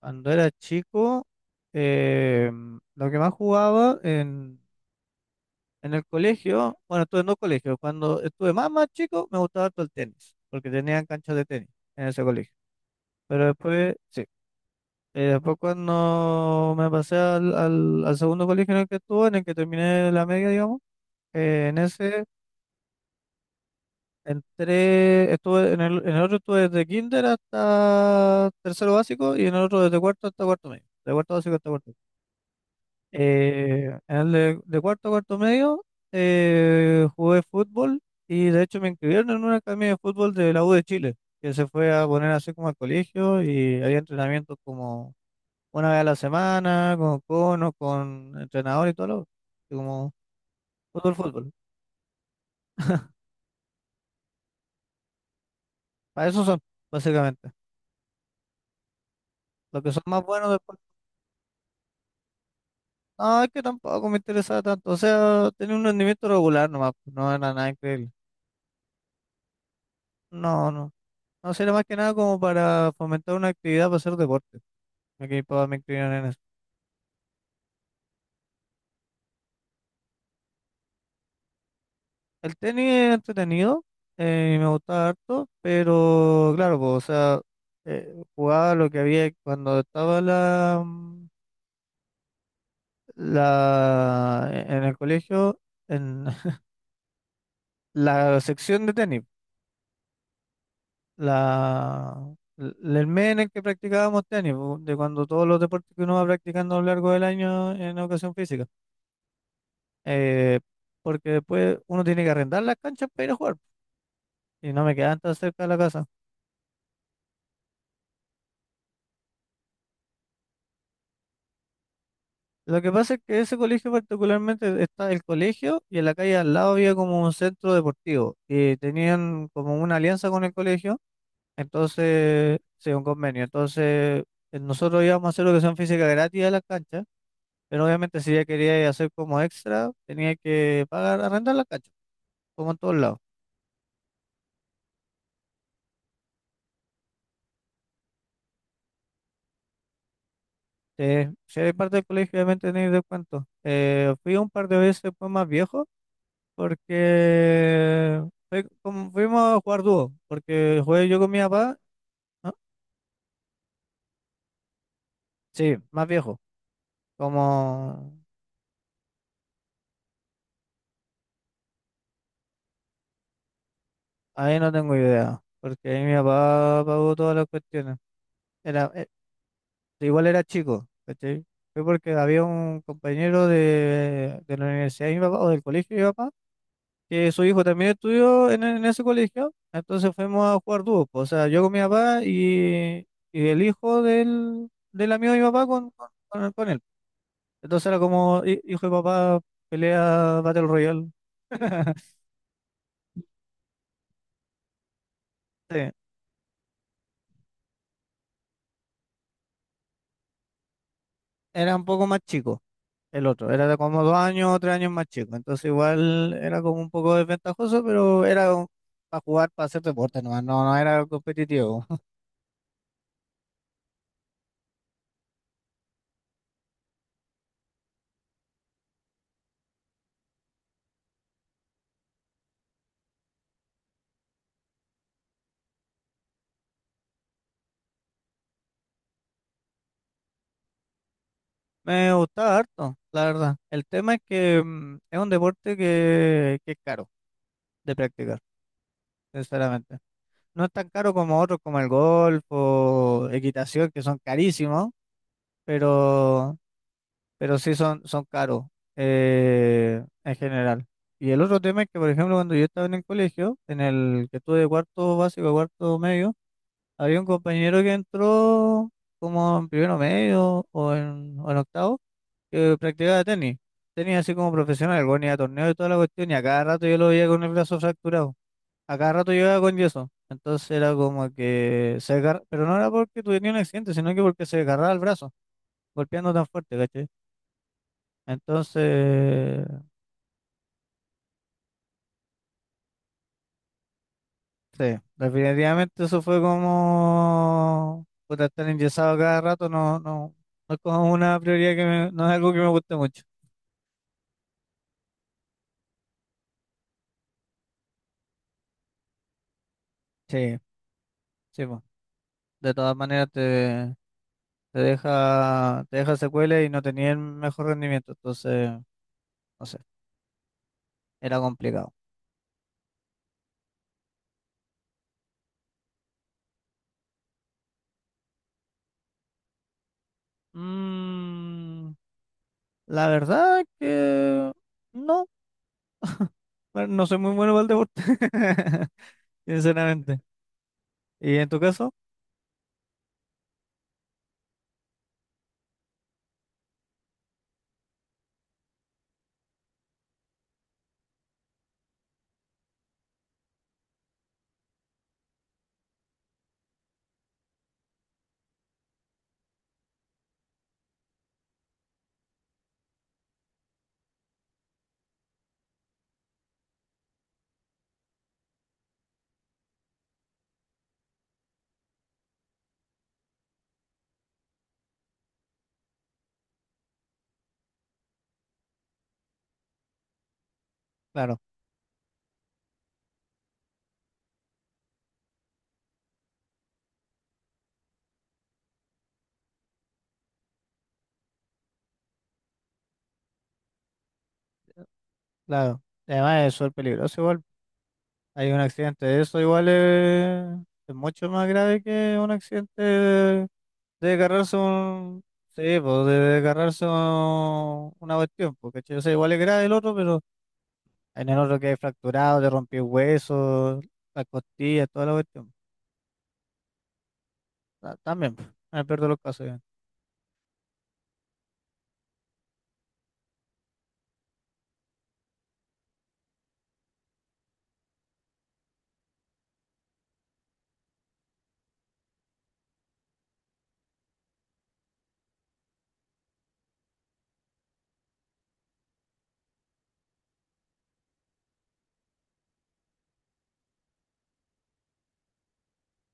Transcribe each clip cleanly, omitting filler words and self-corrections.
Cuando era chico, eh, lo que más jugaba en el colegio, bueno, estuve en dos colegios. Cuando estuve más chico, me gustaba todo el tenis, porque tenían canchas de tenis en ese colegio. Pero después, sí. Después cuando me pasé al segundo colegio en el que estuve, en el que terminé la media, digamos, en ese entré, estuve en el otro estuve desde kinder hasta tercero básico y en el otro desde cuarto hasta cuarto medio, de cuarto básico hasta cuarto. En el de cuarto a cuarto medio, jugué fútbol y de hecho me inscribieron en una academia de fútbol de la U de Chile, que se fue a poner así como al colegio y había entrenamientos como una vez a la semana, con conos, con entrenador y todo lo y como fútbol, fútbol. Para eso son, básicamente. Los que son más buenos después. No, es que tampoco me interesaba tanto. O sea, tenía un rendimiento regular nomás, pues, no era nada increíble. No, no. No, sería más que nada como para fomentar una actividad para hacer deporte. Ok, puedo me inclinar en eso. El tenis es entretenido, y me gustaba harto, pero claro, pues, o sea, jugaba lo que había cuando estaba la en el colegio, en la sección de tenis, la, el mes en el que practicábamos tenis, pu, de cuando todos los deportes que uno va practicando a lo largo del año en educación física, eh, porque después uno tiene que arrendar las canchas para ir a jugar, y no me quedaban tan cerca de la casa. Lo que pasa es que ese colegio particularmente está el colegio y en la calle al lado había como un centro deportivo y tenían como una alianza con el colegio, entonces, sí, un convenio. Entonces, nosotros íbamos a hacer educación física gratis a las canchas, pero obviamente si ya quería hacer como extra, tenía que pagar, arrendar la cancha, como en todos lados. Si eres parte del colegio, obviamente tenéis descuento. Fui un par de veces después más viejo porque fuimos a jugar dúo, porque jugué yo con mi papá. Ah, sí, más viejo. Como ahí no tengo idea, porque ahí mi papá pagó todas las cuestiones. Era, igual era chico, ¿cachai? Fue porque había un compañero de la universidad de mi papá o del colegio de mi papá, que su hijo también estudió en ese colegio, entonces fuimos a jugar dúo. Po, o sea, yo con mi papá y el hijo del amigo de mi papá con él. Entonces era como hijo y papá pelea Battle Royale. Sí, era un poco más chico. El otro, era de como 2 años o 3 años más chico, entonces igual era como un poco desventajoso, pero era para jugar, para hacer deporte nomás, no, no era competitivo. Me gustaba harto, la verdad. El tema es que es un deporte que es caro de practicar, sinceramente. No es tan caro como otros como el golf o equitación, que son carísimos, pero sí son caros en general. Y el otro tema es que, por ejemplo, cuando yo estaba en el colegio, en el que estuve de cuarto básico a cuarto medio, había un compañero que entró como en primero medio o en octavo, que practicaba tenis. Tenis así como profesional, el ni a torneos y toda la cuestión, y a cada rato yo lo veía con el brazo fracturado. A cada rato llegaba con yeso. Entonces era como que se agarra, pero no era porque tuviera un accidente, sino que porque se agarraba el brazo, golpeando tan fuerte, ¿cachai? Entonces, sí, definitivamente eso fue como puta, estar enyesado cada rato, no, no, no es como una prioridad que no es algo que me guste mucho. Sí, sí, po. De todas maneras te deja secuelas y no tenía el mejor rendimiento, entonces, no sé, era complicado. Mm, la verdad que no, no soy muy bueno para el deporte, sinceramente. ¿Y en tu caso? Claro. Claro, y además es súper peligroso igual. Hay un accidente de eso igual es mucho más grave que un accidente de, agarrarse un. Sí, pues de agarrarse una cuestión, porque o sea, igual es grave el otro, pero en el otro que hay fracturado, te rompió huesos, las costillas, toda la cuestión. También, pues, en el peor de los casos, ya.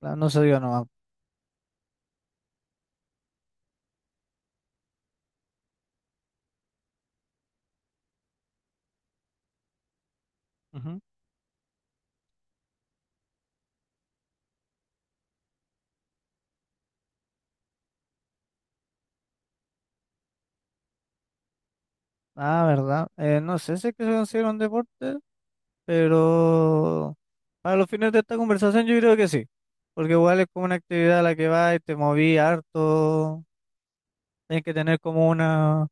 No se dio nomás. Ujú. Ah, ¿verdad? No sé si es que se considera un deporte, pero. Para los fines de esta conversación yo creo que sí, porque igual es como una actividad a la que vas y te moví harto, tienes que tener como una,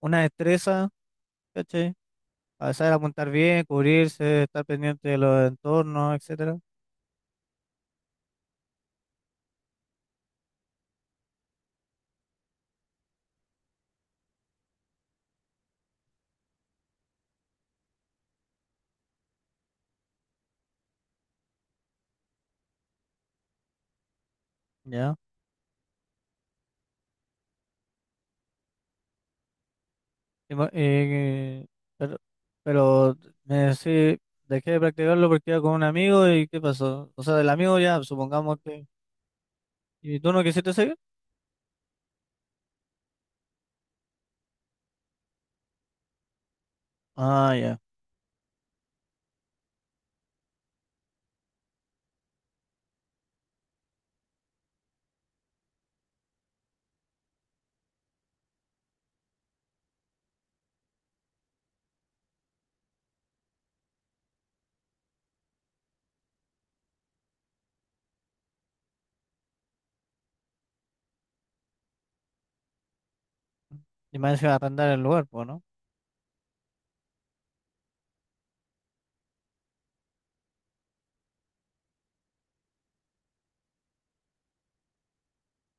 una destreza, ¿cachai? A saber apuntar bien, cubrirse, estar pendiente de los entornos, etcétera. ¿Ya? Y mo- y- pero, pero me decí, dejé de practicarlo porque iba con un amigo y ¿qué pasó? O sea, el amigo ya, supongamos que. ¿Y tú no quisiste seguir? Ah, ya. Y me a arrendar el lugar, pues, ¿no?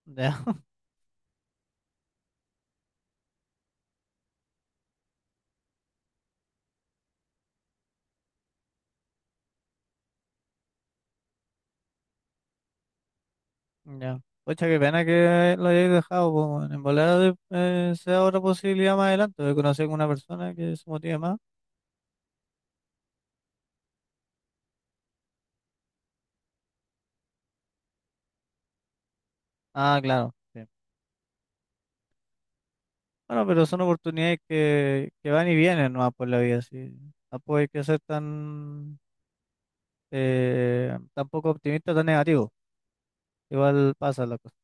Ya. Ya. Pucha, qué pena que lo hayáis dejado, po, weón. En volada sea otra posibilidad más adelante de conocer con una persona que se motive más. Ah, claro, sí. Bueno, pero son oportunidades que van y vienen nomás por la vida, sí. Tampoco hay que ser tan poco optimista, tan negativo. Igual pasa la cosa.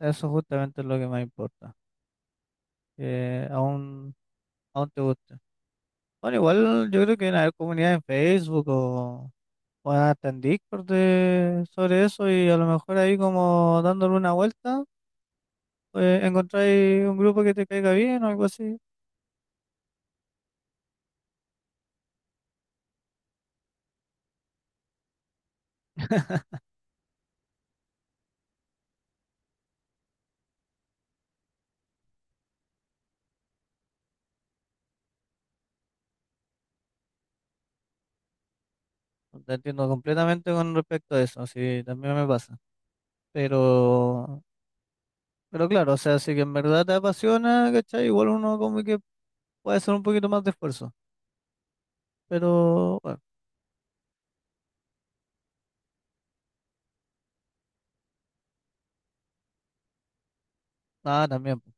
Eso justamente es lo que más importa. Que aún te guste. Bueno, igual yo creo que en haber comunidad en Facebook o bueno, hasta en Discord sobre eso y a lo mejor ahí como dándole una vuelta, pues encontráis un grupo que te caiga bien o algo así. No te entiendo completamente con respecto a eso, sí, también me pasa. Pero, pero claro, o sea, si que en verdad te apasiona, ¿cachai? Igual uno como que puede hacer un poquito más de esfuerzo. Pero, bueno, nada, también, po.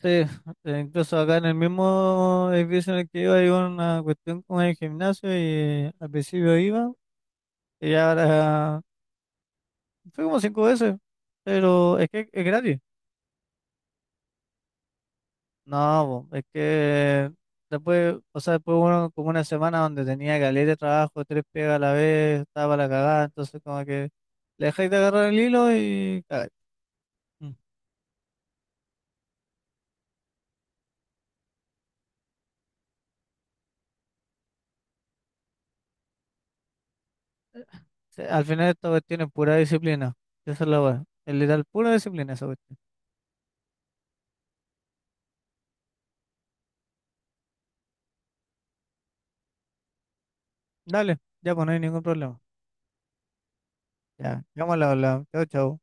Sí, incluso acá en el mismo edificio en el que iba hay una cuestión con el gimnasio y al principio iba, y ahora fui como cinco veces, pero es que es gratis. No, po, es que después, o sea, después uno como una semana donde tenía caleta de trabajo, tres pegas a la vez, estaba para la cagada, entonces como que le dejáis de agarrar el hilo y cagáis. Mm. Sí, al final esta cuestión es pura disciplina. Esa es la weá. Es literal pura disciplina esa cuestión. Dale, ya pues no hay ningún problema. Ya, llámala, la. Chao, chao.